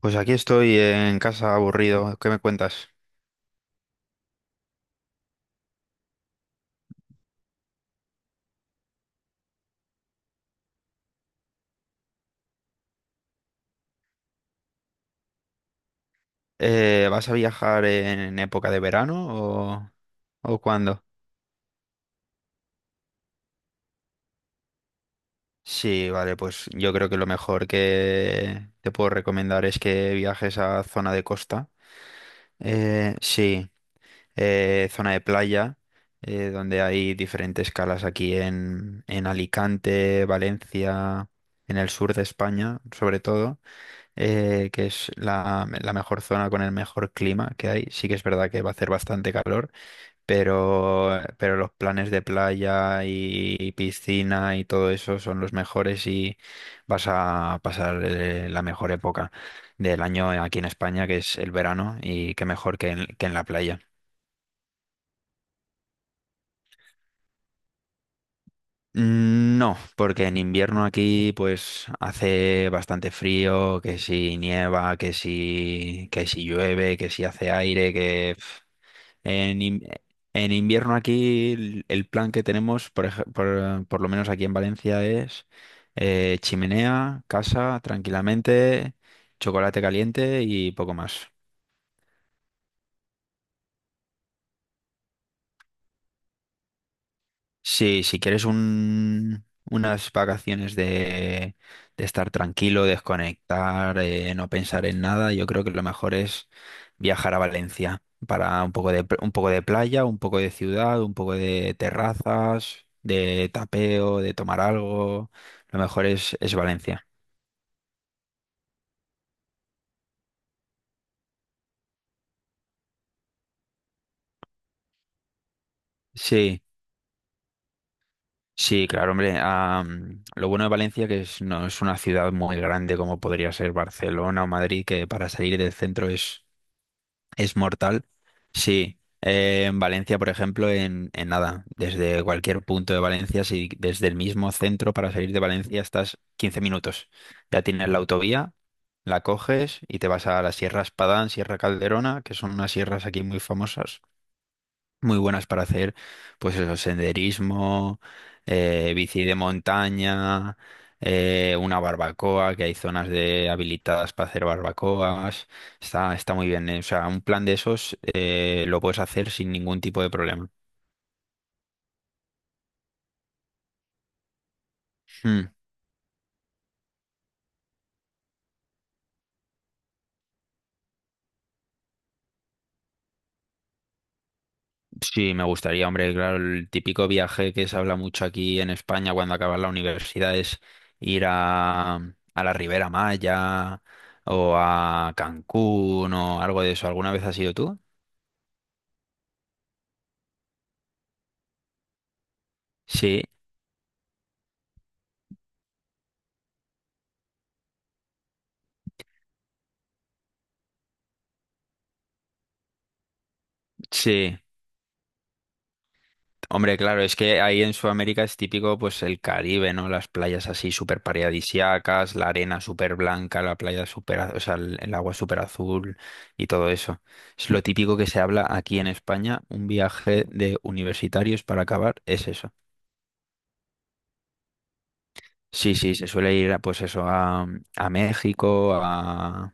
Pues aquí estoy en casa aburrido. ¿Qué me cuentas? ¿Vas a viajar en época de verano o, o cuándo? Sí, vale, pues yo creo que lo mejor que te puedo recomendar es que viajes a zona de costa. Sí, zona de playa, donde hay diferentes calas aquí en Alicante, Valencia, en el sur de España, sobre todo. Que es la mejor zona con el mejor clima que hay. Sí que es verdad que va a hacer bastante calor, pero los planes de playa y piscina y todo eso son los mejores y vas a pasar la mejor época del año aquí en España, que es el verano, y qué mejor que en la playa. Mm. No, porque en invierno aquí pues hace bastante frío, que si nieva, que si llueve, que si hace aire, En, in- en invierno aquí el plan que tenemos, por lo menos aquí en Valencia, es chimenea, casa, tranquilamente, chocolate caliente y poco más. Sí, si quieres unas vacaciones de estar tranquilo, desconectar, no pensar en nada, yo creo que lo mejor es viajar a Valencia para un poco de playa, un poco de ciudad, un poco de terrazas, de tapeo, de tomar algo. Lo mejor es Valencia. Sí, sí, claro, hombre. Lo bueno de Valencia que es, no es una ciudad muy grande como podría ser Barcelona o Madrid, que para salir del centro es. Mortal, sí. En Valencia, por ejemplo, en nada, desde cualquier punto de Valencia, si desde el mismo centro para salir de Valencia estás 15 minutos. Ya tienes la autovía, la coges y te vas a la Sierra Espadán, Sierra Calderona, que son unas sierras aquí muy famosas, muy buenas para hacer, pues eso, senderismo, bici de montaña, una barbacoa, que hay zonas de habilitadas para hacer barbacoas. Está muy bien. O sea, un plan de esos lo puedes hacer sin ningún tipo de problema. Mm. Sí, me gustaría, hombre, claro, el típico viaje que se habla mucho aquí en España cuando acabas la universidad es ir a la Ribera Maya o a Cancún o algo de eso. ¿Alguna vez has ido tú? Sí. Sí, hombre, claro, es que ahí en Sudamérica es típico pues el Caribe, ¿no? Las playas así súper paradisíacas, la arena súper blanca, la playa súper, o sea, el agua súper azul y todo eso. Es lo típico que se habla aquí en España, un viaje de universitarios para acabar es eso. Sí, sí, se suele ir a, pues eso, a México,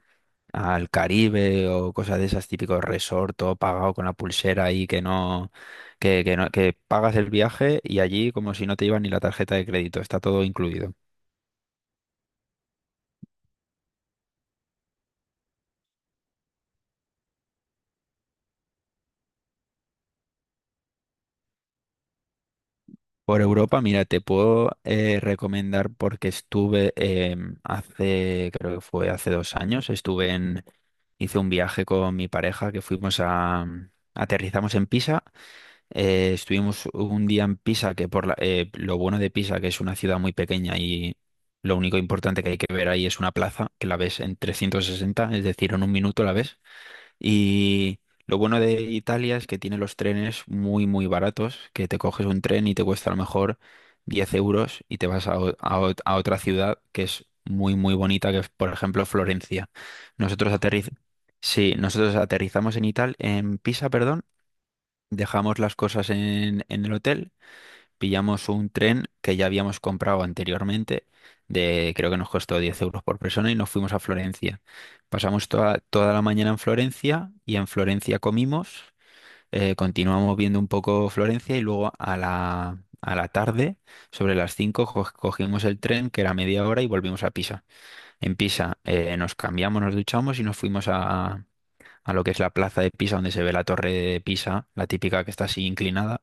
al Caribe o cosas de esas, típicos resort, todo pagado con la pulsera ahí que no, que no, que pagas el viaje y allí como si no te iba ni la tarjeta de crédito, está todo incluido. Por Europa, mira, te puedo recomendar porque estuve hace, creo que fue hace 2 años, estuve hice un viaje con mi pareja que fuimos aterrizamos en Pisa. Estuvimos un día en Pisa, que lo bueno de Pisa, que es una ciudad muy pequeña y lo único importante que hay que ver ahí es una plaza, que la ves en 360, es decir, en un minuto la ves. Y lo bueno de Italia es que tiene los trenes muy, muy baratos, que te coges un tren y te cuesta a lo mejor 10 euros y te vas a, o- a ot- a otra ciudad que es muy, muy bonita, que es, por ejemplo, Florencia. Nosotros aterriz- sí, nosotros aterrizamos en Italia, en Pisa, perdón. Dejamos las cosas en el hotel, pillamos un tren que ya habíamos comprado anteriormente, de creo que nos costó 10 euros por persona y nos fuimos a Florencia. Pasamos toda la mañana en Florencia y en Florencia comimos. Continuamos viendo un poco Florencia y luego a la tarde, sobre las 5 cogimos el tren que era media hora y volvimos a Pisa. En Pisa nos cambiamos, nos duchamos y nos fuimos a lo que es la plaza de Pisa, donde se ve la torre de Pisa, la típica que está así inclinada,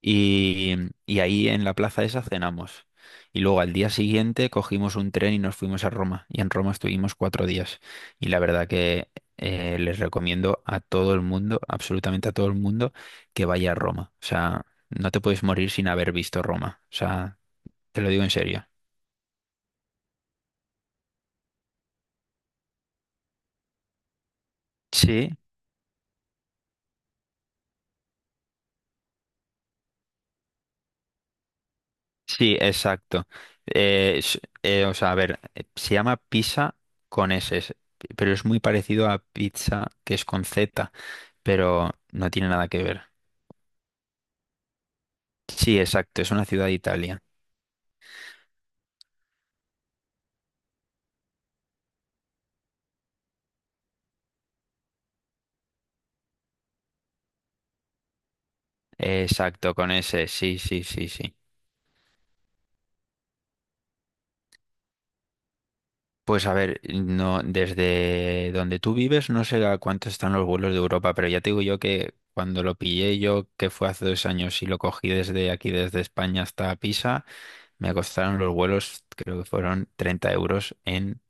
y, y ahí en la plaza esa cenamos. Y luego al día siguiente cogimos un tren y nos fuimos a Roma. Y en Roma estuvimos 4 días. Y la verdad que les recomiendo a todo el mundo, absolutamente a todo el mundo, que vaya a Roma. O sea, no te puedes morir sin haber visto Roma. O sea, te lo digo en serio. Sí, sí, exacto. O sea, a ver, se llama pizza con S, pero es muy parecido a pizza que es con Z, pero no tiene nada que ver. Sí, exacto, es una ciudad de Italia. Exacto, con ese, sí, sí, sí, sí. Pues a ver, no, desde donde tú vives no sé a cuánto están los vuelos de Europa, pero ya te digo yo que cuando lo pillé yo, que fue hace dos años y lo cogí desde aquí, desde España hasta Pisa, me costaron los vuelos, creo que fueron 30 euros en,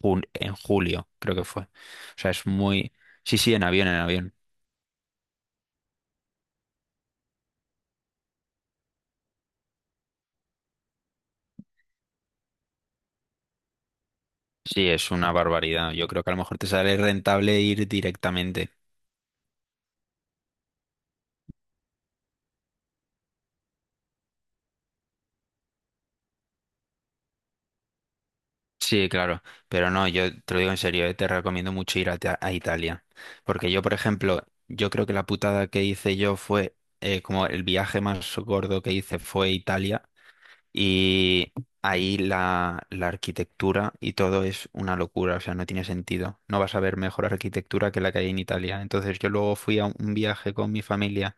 jun- en julio, creo que fue. O sea, es muy... Sí, sí, en avión, en avión. Sí, es una barbaridad. Yo creo que a lo mejor te sale rentable ir directamente. Sí, claro, pero no, yo te lo digo en serio, te recomiendo mucho ir a Italia, porque yo, por ejemplo, yo creo que la putada que hice yo fue, como el viaje más gordo que hice fue Italia, y ahí la arquitectura y todo es una locura, o sea, no tiene sentido. No vas a ver mejor arquitectura que la que hay en Italia. Entonces yo luego fui a un viaje con mi familia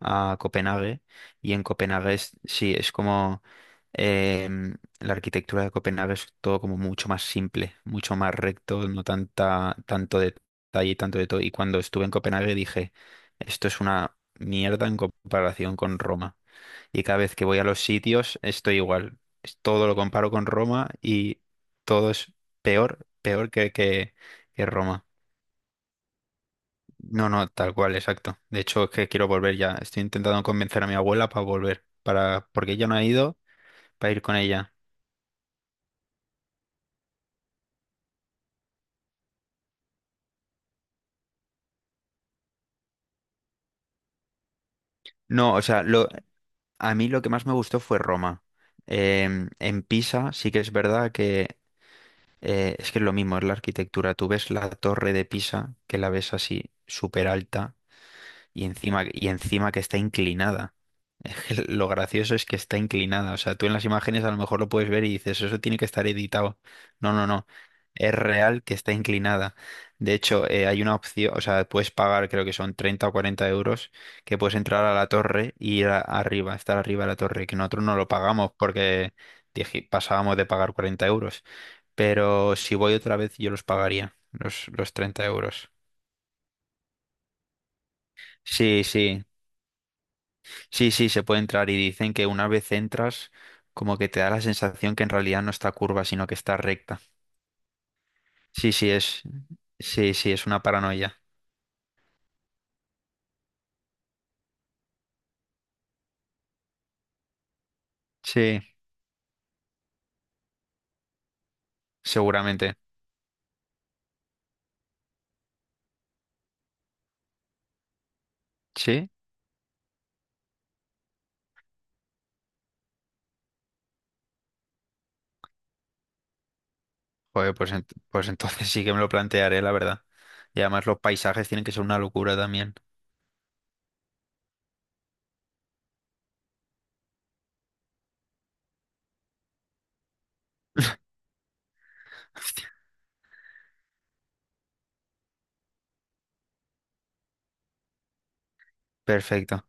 a Copenhague y en Copenhague sí, es como la arquitectura de Copenhague es todo como mucho más simple, mucho más recto, no tanta, tanto detalle, tanto de todo. Y cuando estuve en Copenhague dije, esto es una mierda en comparación con Roma. Y cada vez que voy a los sitios estoy igual. Todo lo comparo con Roma y todo es peor, peor que Roma. No, no, tal cual, exacto. De hecho, es que quiero volver ya. Estoy intentando convencer a mi abuela para volver, porque ella no ha ido, para ir con ella. No, o sea, a mí lo que más me gustó fue Roma. En Pisa sí que es verdad que es que es lo mismo, es la arquitectura. Tú ves la torre de Pisa, que la ves así súper alta. Y encima que está inclinada. Es que lo gracioso es que está inclinada. O sea, tú en las imágenes a lo mejor lo puedes ver y dices, eso tiene que estar editado. No, no, no. Es real que está inclinada. De hecho, hay una opción, o sea, puedes pagar, creo que son 30 o 40 euros, que puedes entrar a la torre y ir arriba, estar arriba de la torre, que nosotros no lo pagamos porque pasábamos de pagar 40 euros. Pero si voy otra vez, yo los pagaría, los 30 euros. Sí, sí. Sí, sí, se puede entrar y dicen que una vez entras, como que te da la sensación que en realidad no está curva, sino que está recta. Sí, sí, sí, sí, es una paranoia. Sí, seguramente. Sí, joder, pues, pues entonces sí que me lo plantearé, la verdad. Y además los paisajes tienen que ser una locura también. Perfecto,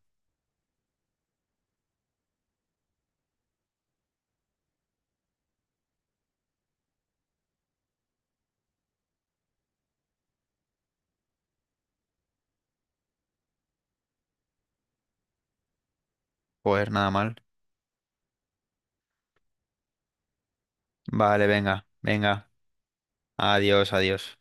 pues nada mal. Vale, venga, venga. Adiós, adiós.